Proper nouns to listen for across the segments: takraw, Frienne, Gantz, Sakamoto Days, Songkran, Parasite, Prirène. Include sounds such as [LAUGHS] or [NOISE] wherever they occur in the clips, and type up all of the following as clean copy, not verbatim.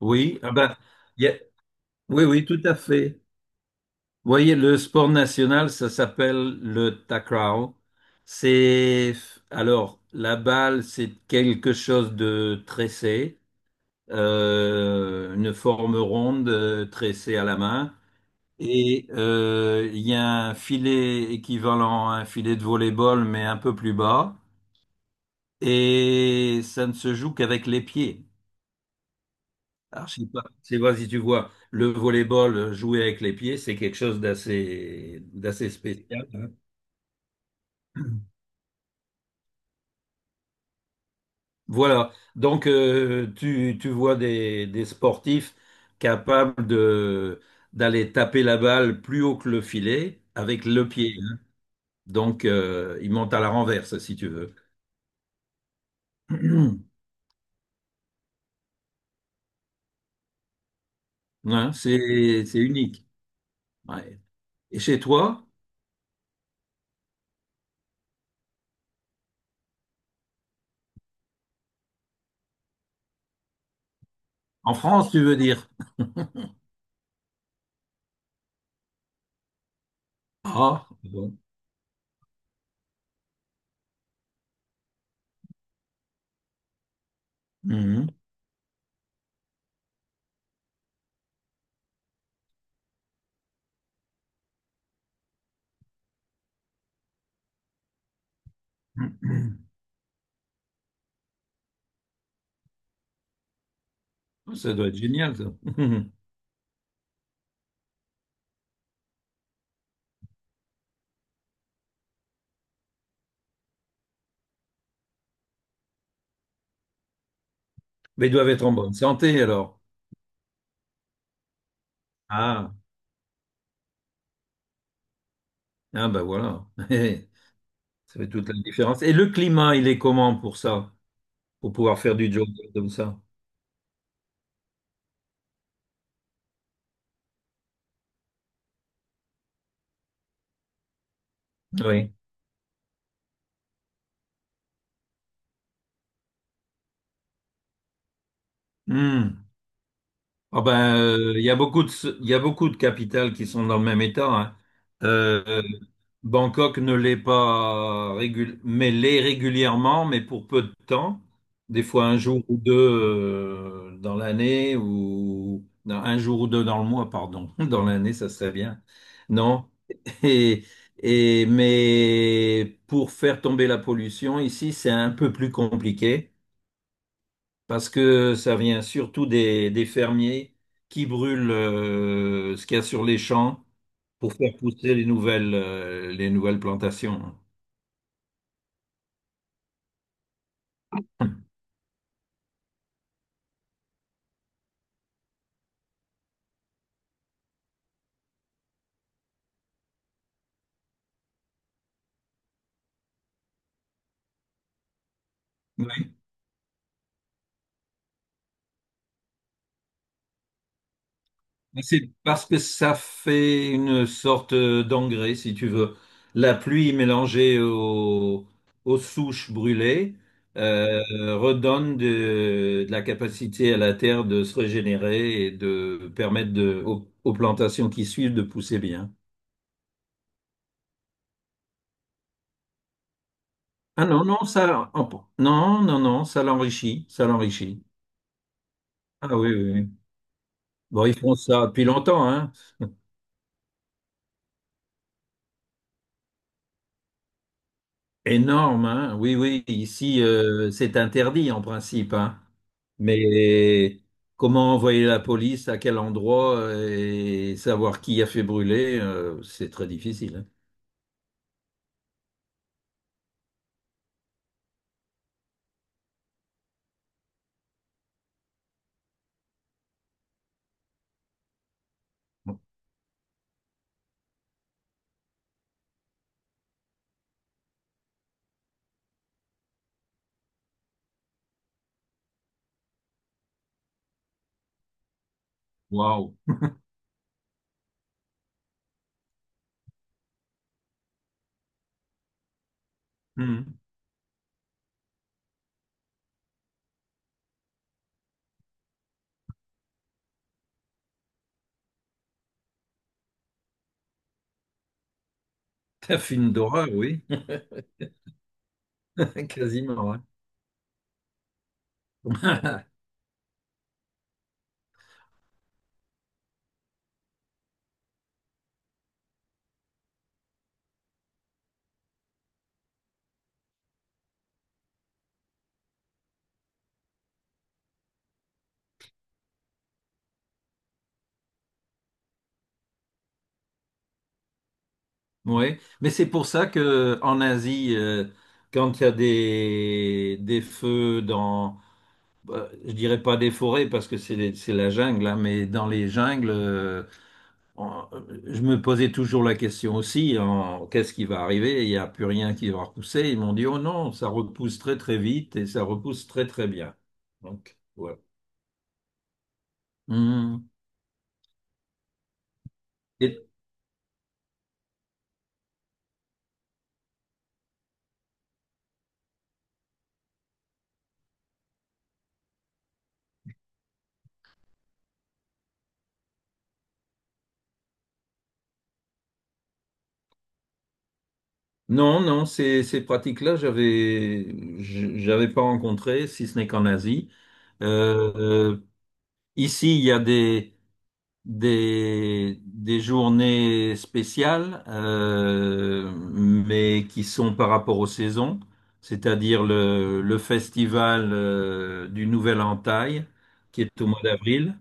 Oui, ah ben, il y a- oui, oui, tout à fait. Vous voyez, le sport national, ça s'appelle le takraw. C'est, alors, la balle, c'est quelque chose de tressé, une forme ronde tressée à la main. Et il y a un filet équivalent à un filet de volley-ball, mais un peu plus bas. Et ça ne se joue qu'avec les pieds. Alors, je sais pas si tu vois, le volleyball joué avec les pieds, c'est quelque chose d'assez spécial, hein. [CLEARS THROAT] Voilà. Donc, tu, tu vois des sportifs capables de d'aller taper la balle plus haut que le filet avec le pied, hein. Donc, ils montent à la renverse, si tu veux. [CLEARS THROAT] Hein, c'est unique. Ouais. Et chez toi, en France, tu veux dire? Ah, bon. Mhm. [CLEARS THROAT] Ça doit être génial, ça. [LAUGHS] Mais ils doivent être en bonne santé alors. Ah, ah ben voilà. [LAUGHS] Ça fait toute la différence. Et le climat, il est comment pour ça? Pour pouvoir faire du jogging comme ça? Oui. Hmm. Ah ben, il y a beaucoup de, il y a beaucoup de capitales qui sont dans le même état, hein. Euh, euh, Bangkok ne l'est pas régul- mais l'est régulièrement, mais pour peu de temps. Des fois un jour ou deux dans l'année ou non, un jour ou deux dans le mois, pardon. [LAUGHS] Dans l'année, ça serait bien. Non. Et, et mais pour faire tomber la pollution ici, c'est un peu plus compliqué parce que ça vient surtout des fermiers qui brûlent ce qu'il y a sur les champs pour faire pousser les nouvelles plantations. [CLEARS THROAT] Oui, mais c'est parce que ça fait une sorte d'engrais, si tu veux. La pluie mélangée au- Aux souches brûlées euh, redonne de la capacité à la terre de se régénérer et de aux, aux plantations qui suivent de pousser bien. Ah non, non, ça, oh, bon, non, non, non, ça l'enrichit, ça l'enrichit. Ah oui, oui, oui. Bon, ils font ça depuis longtemps, hein. [LAUGHS] Énorme, hein. Oui, oui, ici, c'est interdit en principe, hein. Mais comment envoyer la police, à quel endroit et savoir qui a fait brûler, c'est très difficile, hein. Waouh. Hum. Un film d'horreur, oui, [LAUGHS] quasiment, hein. [LAUGHS] Oui, mais c'est pour ça que en Asie, quand il y a des feux dans, bah, je dirais pas des forêts parce que c'est la jungle, hein, mais dans les jungles, on- je me posais toujours la question aussi, en, qu'est-ce qui va arriver? Il n'y a plus rien qui va repousser. Ils m'ont dit, oh non, ça repousse très très vite et ça repousse très très bien. Donc, ouais. Hmm. Et- non, non, ces, ces pratiques-là, j'avais pas rencontré, si ce n'est qu'en Asie. Euh, euh, ici, il y a des journées spéciales, mais qui sont par rapport aux saisons, c'est-à-dire le festival du Nouvel Entaille, qui est au mois d'avril,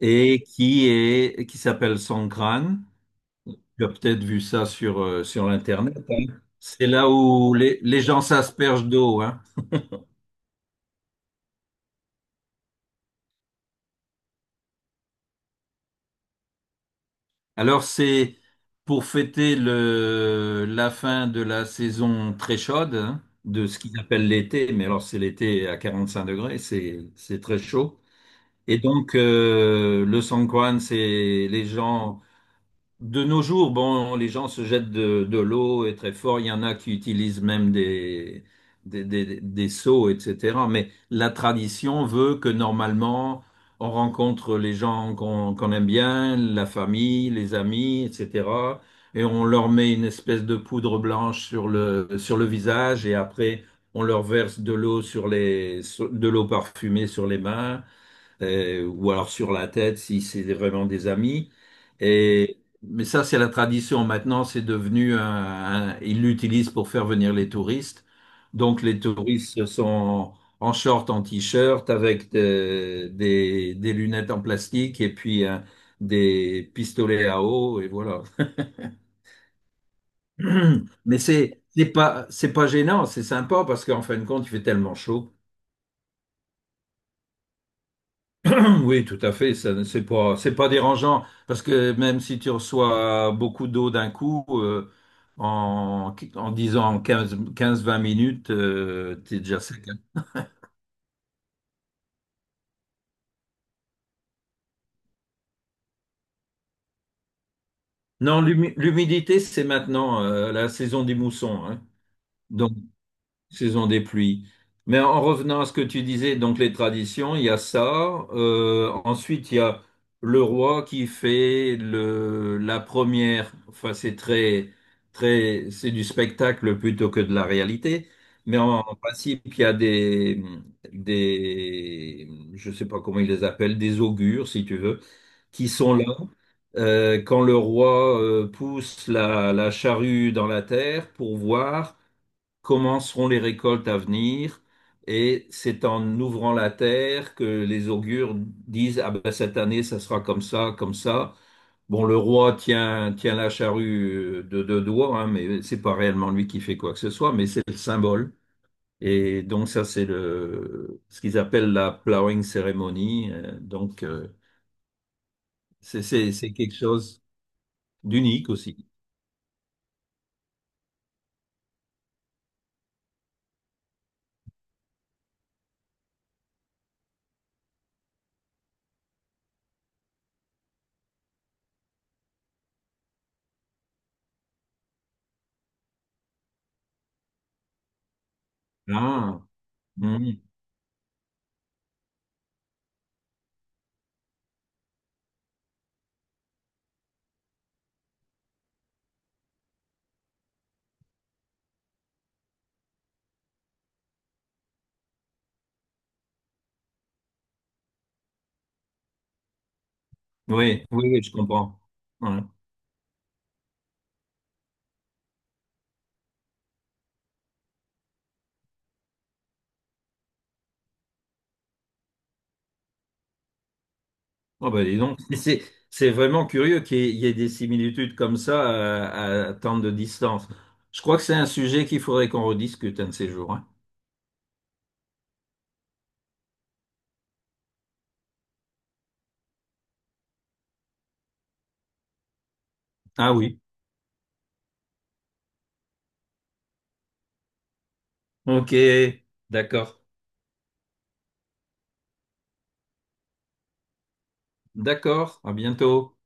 et qui est, qui s'appelle Songkran. Tu as peut-être vu ça sur, sur Internet. C'est là où les gens s'aspergent d'eau, hein. Alors c'est pour fêter le, la fin de la saison très chaude, hein, de ce qu'ils appellent l'été, mais alors c'est l'été à 45 degrés, c'est très chaud. Et donc le Songkran, c'est les gens de nos jours, bon, les gens se jettent de l'eau et très fort. Il y en a qui utilisent même des, des seaux, etc. Mais la tradition veut que normalement, on rencontre les gens qu'on aime bien, la famille, les amis, etc. Et on leur met une espèce de poudre blanche sur le visage et après, on leur verse de l'eau sur les, de l'eau parfumée sur les mains ou alors sur la tête si c'est vraiment des amis. Et, mais ça, c'est la tradition. Maintenant, c'est devenu un, ils l'utilisent pour faire venir les touristes. Donc, les touristes sont en short, en t-shirt, avec des lunettes en plastique et puis des pistolets à eau, et voilà. [CLEARS THROAT] Mais c'est pas gênant, c'est sympa parce qu'en fin de compte, il fait tellement chaud. Oui, tout à fait. C'est pas dérangeant parce que même si tu reçois beaucoup d'eau d'un coup, en, en disant 15, 20 minutes, t'es déjà sec, hein. Non, l'humidité, c'est maintenant, la saison des moussons, hein. Donc, saison des pluies. Mais en revenant à ce que tu disais, donc les traditions, il y a ça. Ensuite, il y a le roi qui fait le, la première. Enfin, c'est très, très, c'est du spectacle plutôt que de la réalité. Mais en, en principe, il y a des, je sais pas comment ils les appellent, des augures, si tu veux, qui sont là. Quand le roi pousse la, la charrue dans la terre pour voir comment seront les récoltes à venir. Et c'est en ouvrant la terre que les augures disent, ah ben cette année, ça sera comme ça, comme ça. Bon, le roi tient la charrue de deux doigts, hein, mais c'est pas réellement lui qui fait quoi que ce soit, mais c'est le symbole. Et donc ça, c'est le, ce qu'ils appellent la plowing ceremony. Donc c'est quelque chose d'unique aussi. Ah, mm. Oui, oui, oui, je comprends. Ouais. Oh bah dis donc, [LAUGHS] c'est vraiment curieux qu'il y ait des similitudes comme ça à tant de distance. Je crois que c'est un sujet qu'il faudrait qu'on rediscute un de ces jours, hein. Ah oui, ok, d'accord, d'accord, à bientôt.